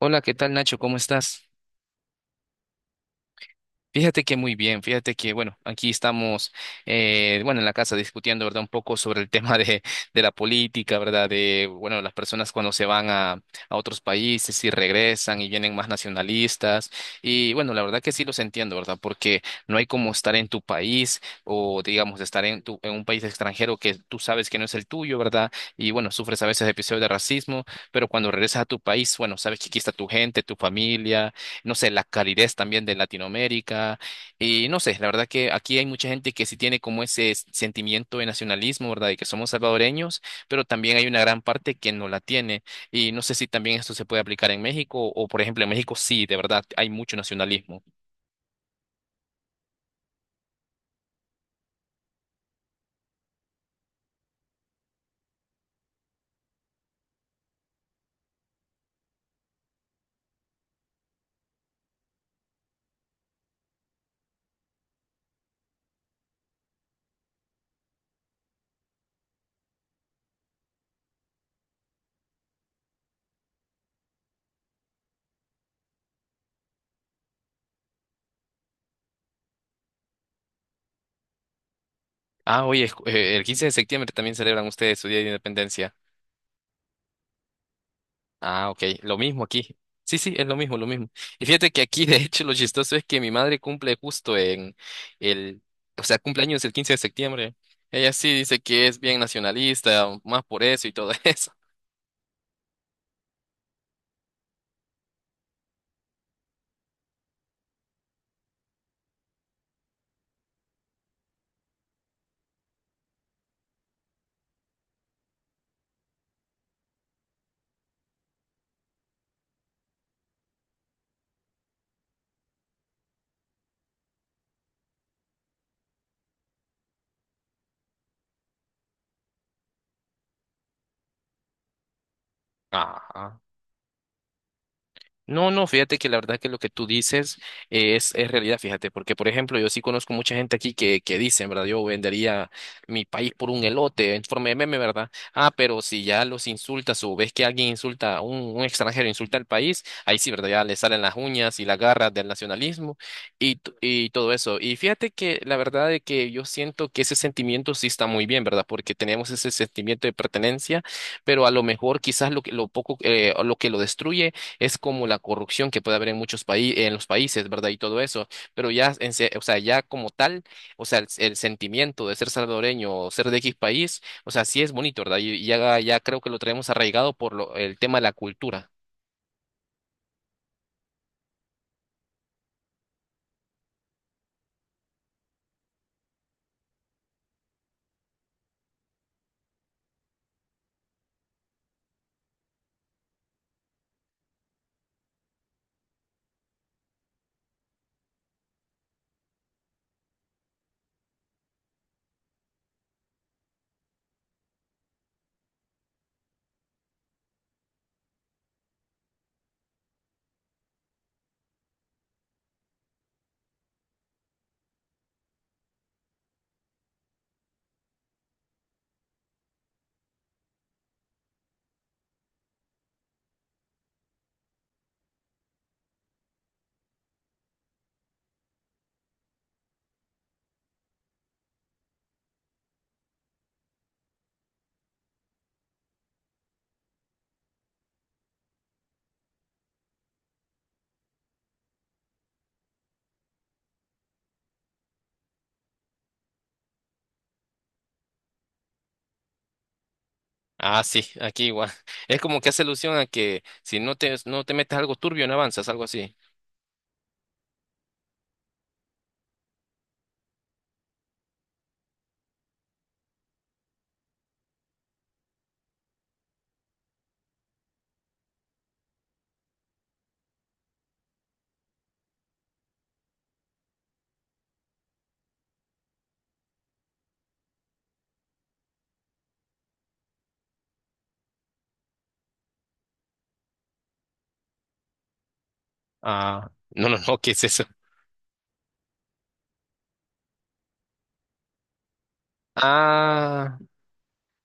Hola, ¿qué tal Nacho? ¿Cómo estás? Fíjate que muy bien, fíjate que, bueno, aquí estamos, bueno, en la casa discutiendo, ¿verdad? Un poco sobre el tema de la política, ¿verdad? De, bueno, las personas cuando se van a otros países y regresan y vienen más nacionalistas. Y bueno, la verdad que sí los entiendo, ¿verdad? Porque no hay como estar en tu país o, digamos, estar en un país extranjero que tú sabes que no es el tuyo, ¿verdad? Y bueno, sufres a veces episodios de racismo, pero cuando regresas a tu país, bueno, sabes que aquí está tu gente, tu familia. No sé, la calidez también de Latinoamérica. Y no sé, la verdad que aquí hay mucha gente que sí tiene como ese sentimiento de nacionalismo, ¿verdad? De que somos salvadoreños, pero también hay una gran parte que no la tiene. Y no sé si también esto se puede aplicar en México o, por ejemplo, en México sí, de verdad, hay mucho nacionalismo. Ah, oye, el 15 de septiembre también celebran ustedes su Día de Independencia. Ah, ok, lo mismo aquí. Sí, sí, es lo mismo, lo mismo. Y fíjate que aquí, de hecho, lo chistoso es que mi madre cumple justo el, o sea, cumpleaños el 15 de septiembre. Ella sí dice que es bien nacionalista, más por eso y todo eso. Ajá. No, no, fíjate que la verdad que lo que tú dices, es realidad, fíjate, porque por ejemplo yo sí conozco mucha gente aquí que dicen, ¿verdad? Yo vendería mi país por un elote en forma de meme, ¿verdad? Ah, pero si ya los insultas o ves que alguien insulta, un extranjero insulta al país, ahí sí, ¿verdad? Ya le salen las uñas y las garras del nacionalismo y todo eso. Y fíjate que la verdad de que yo siento que ese sentimiento sí está muy bien, ¿verdad? Porque tenemos ese sentimiento de pertenencia, pero a lo mejor quizás lo poco, lo que lo destruye es como la corrupción que puede haber en muchos países, en los países, ¿verdad? Y todo eso, pero ya, o sea, ya como tal, o sea, el sentimiento de ser salvadoreño o ser de X país, o sea, sí es bonito, ¿verdad? Y ya, ya creo que lo traemos arraigado por el tema de la cultura. Ah, sí, aquí igual. Es como que hace alusión a que si no te, no te metes algo turbio, no avanzas, algo así. Ah, no, no, no, ¿qué es eso? Ah,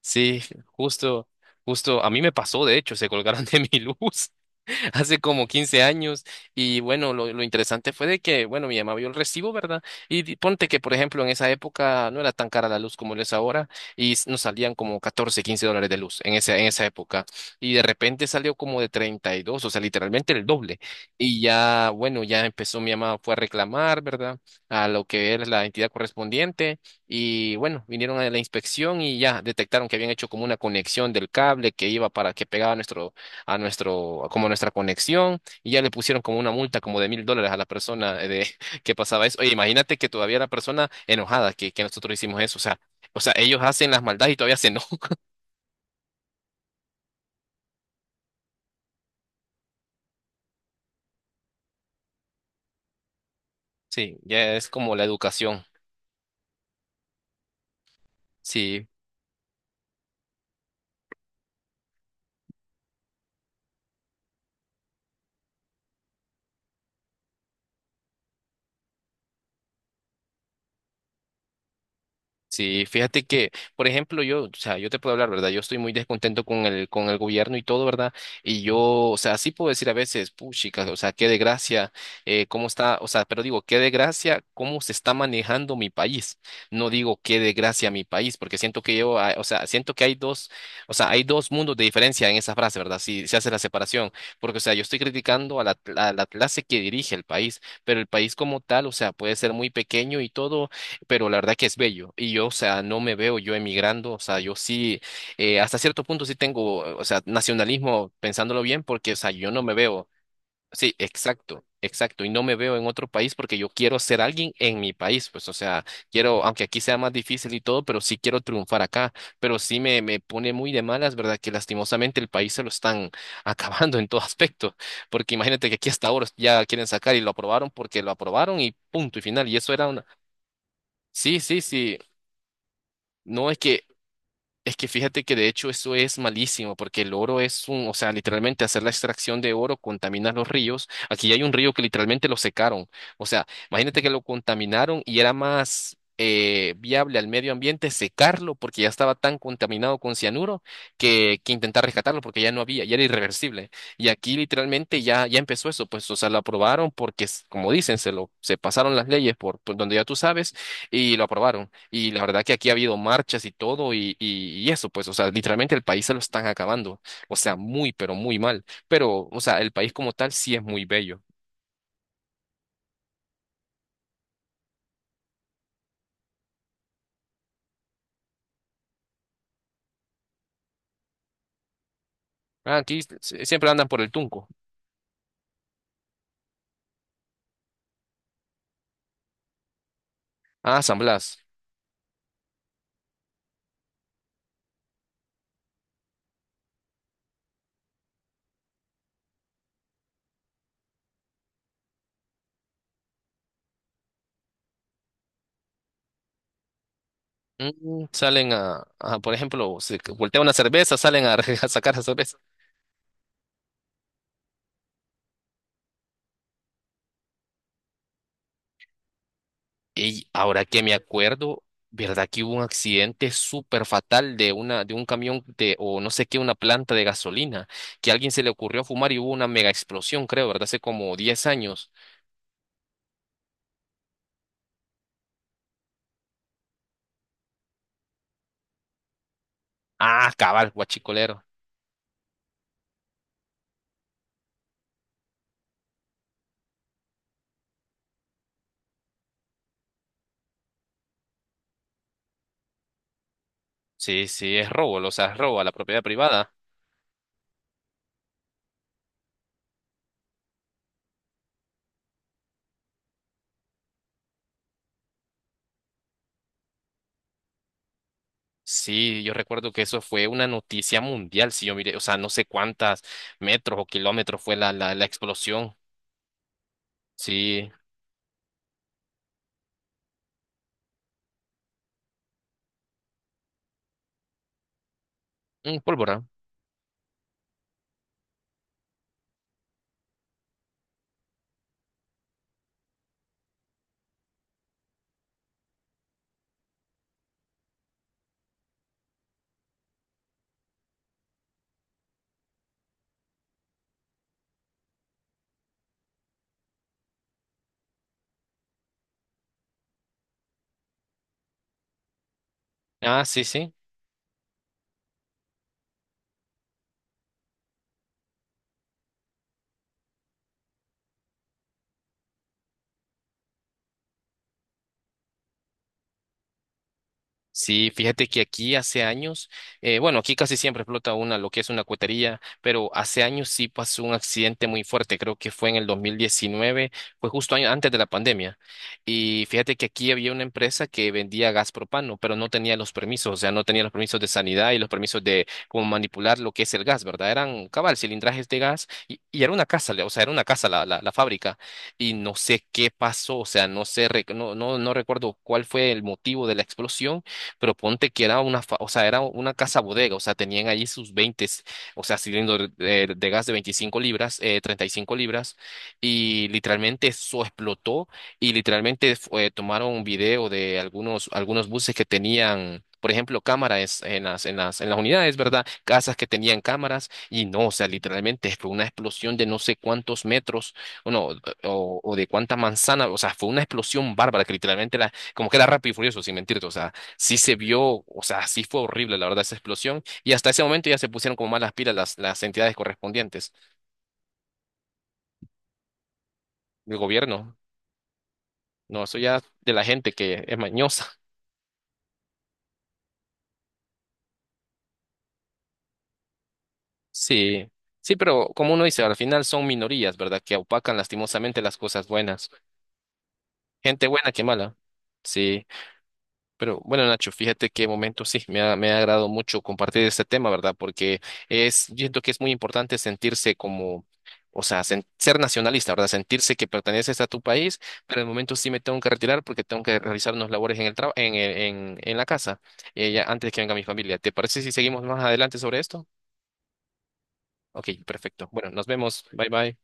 sí, justo, justo, a mí me pasó, de hecho, se colgaron de mi luz. Hace como 15 años. Y bueno, lo interesante fue de que, bueno, mi mamá vio el recibo, ¿verdad? Y ponte que, por ejemplo, en esa época no era tan cara la luz como lo es ahora y nos salían como 14 $15 de luz en esa época. Y de repente salió como de 32, o sea, literalmente el doble. Y ya, bueno, ya empezó mi mamá, fue a reclamar, ¿verdad? A lo que es la entidad correspondiente. Y bueno, vinieron a la inspección y ya detectaron que habían hecho como una conexión del cable que iba para que pegaba nuestro a nuestro, como nuestra conexión, y ya le pusieron como una multa como de $1,000 a la persona, de que pasaba eso. Oye, imagínate que todavía la persona enojada que nosotros hicimos eso, o sea, ellos hacen las maldades y todavía se enojan. Sí, ya es como la educación. Sí. Sí, fíjate que, por ejemplo, yo, o sea, yo te puedo hablar, ¿verdad? Yo estoy muy descontento con con el gobierno y todo, ¿verdad? Y yo, o sea, sí puedo decir a veces, puchica, o sea, qué desgracia, cómo está, o sea, pero digo, qué desgracia, cómo se está manejando mi país. No digo qué desgracia mi país, porque siento que yo, ah, o sea, siento que hay dos, o sea, hay dos mundos de diferencia en esa frase, ¿verdad? Si se hace la separación, porque, o sea, yo estoy criticando a la clase que dirige el país, pero el país como tal, o sea, puede ser muy pequeño y todo, pero la verdad que es bello. Y yo, o sea, no me veo yo emigrando, o sea, yo sí, hasta cierto punto sí tengo, o sea, nacionalismo, pensándolo bien, porque, o sea, yo no me veo, sí, exacto, exacto, y no me veo en otro país porque yo quiero ser alguien en mi país, pues, o sea, quiero, aunque aquí sea más difícil y todo, pero sí quiero triunfar acá, pero sí me pone muy de malas, ¿verdad? Que lastimosamente el país se lo están acabando en todo aspecto, porque imagínate que aquí hasta ahora ya quieren sacar y lo aprobaron porque lo aprobaron y punto y final, y eso era una... Sí, sí, sí, no, es que fíjate que de hecho eso es malísimo, porque el oro es o sea, literalmente hacer la extracción de oro contamina los ríos. Aquí hay un río que literalmente lo secaron. O sea, imagínate que lo contaminaron y era más, viable al medio ambiente secarlo porque ya estaba tan contaminado con cianuro que intentar rescatarlo porque ya no había, ya era irreversible. Y aquí literalmente ya, ya empezó eso, pues, o sea, lo aprobaron porque, como dicen, se pasaron las leyes por donde ya tú sabes y lo aprobaron. Y la verdad que aquí ha habido marchas y todo y eso, pues, o sea, literalmente el país se lo están acabando. O sea, muy, pero muy mal. Pero, o sea, el país como tal sí es muy bello. Ah, aquí siempre andan por el Tunco. Ah, San Blas. Salen por ejemplo, se voltea una cerveza, salen a, a sacar la cerveza. Y ahora que me acuerdo, ¿verdad que hubo un accidente súper fatal de una, de un camión de, o no sé qué, una planta de gasolina, que a alguien se le ocurrió fumar y hubo una mega explosión, creo, ¿verdad? Hace como 10 años. Ah, cabal, guachicolero. Sí, sí, es robo, o sea, es robo a la propiedad privada. Sí, yo recuerdo que eso fue una noticia mundial, si yo miré, o sea, no sé cuántas metros o kilómetros fue la explosión. Sí, pólvora. Ah, sí, sí. Sí, fíjate que aquí hace años, bueno, aquí casi siempre explota una, lo que es una cuetería, pero hace años sí pasó un accidente muy fuerte, creo que fue en el 2019, pues justo antes de la pandemia. Y fíjate que aquí había una empresa que vendía gas propano, pero no tenía los permisos, o sea, no tenía los permisos de sanidad y los permisos de cómo manipular lo que es el gas, ¿verdad? Eran cabal, cilindrajes de gas y era una casa, o sea, era una casa la fábrica, y no sé qué pasó, o sea, no sé, no, no, no recuerdo cuál fue el motivo de la explosión, pero ponte que era o sea, era una casa bodega, o sea, tenían allí sus 20, o sea, cilindros de gas de 25 libras, 35 libras, y literalmente eso explotó, y literalmente tomaron un video de algunos buses que tenían... Por ejemplo, cámaras en las unidades, ¿verdad? Casas que tenían cámaras y no, o sea, literalmente fue una explosión de no sé cuántos metros, o no, o de cuántas manzanas, o sea, fue una explosión bárbara que literalmente como que era rápido y furioso, sin mentirte, o sea sí se vio, o sea, sí fue horrible, la verdad, esa explosión. Y hasta ese momento ya se pusieron como más las pilas las entidades correspondientes del gobierno. No, eso ya de la gente que es mañosa. Sí, sí, pero como uno dice, al final son minorías, ¿verdad? Que opacan lastimosamente las cosas buenas. Gente buena que mala. Sí. Pero bueno, Nacho, fíjate qué momento, sí, me ha agradado mucho compartir este tema, ¿verdad? Porque es, yo siento que es muy importante sentirse como, o sea, ser nacionalista, ¿verdad? Sentirse que perteneces a tu país, pero en el momento sí me tengo que retirar porque tengo que realizar unos labores en el traba- en, el- en la casa, ya antes que venga mi familia. ¿Te parece si seguimos más adelante sobre esto? Ok, perfecto. Bueno, nos vemos. Bye bye.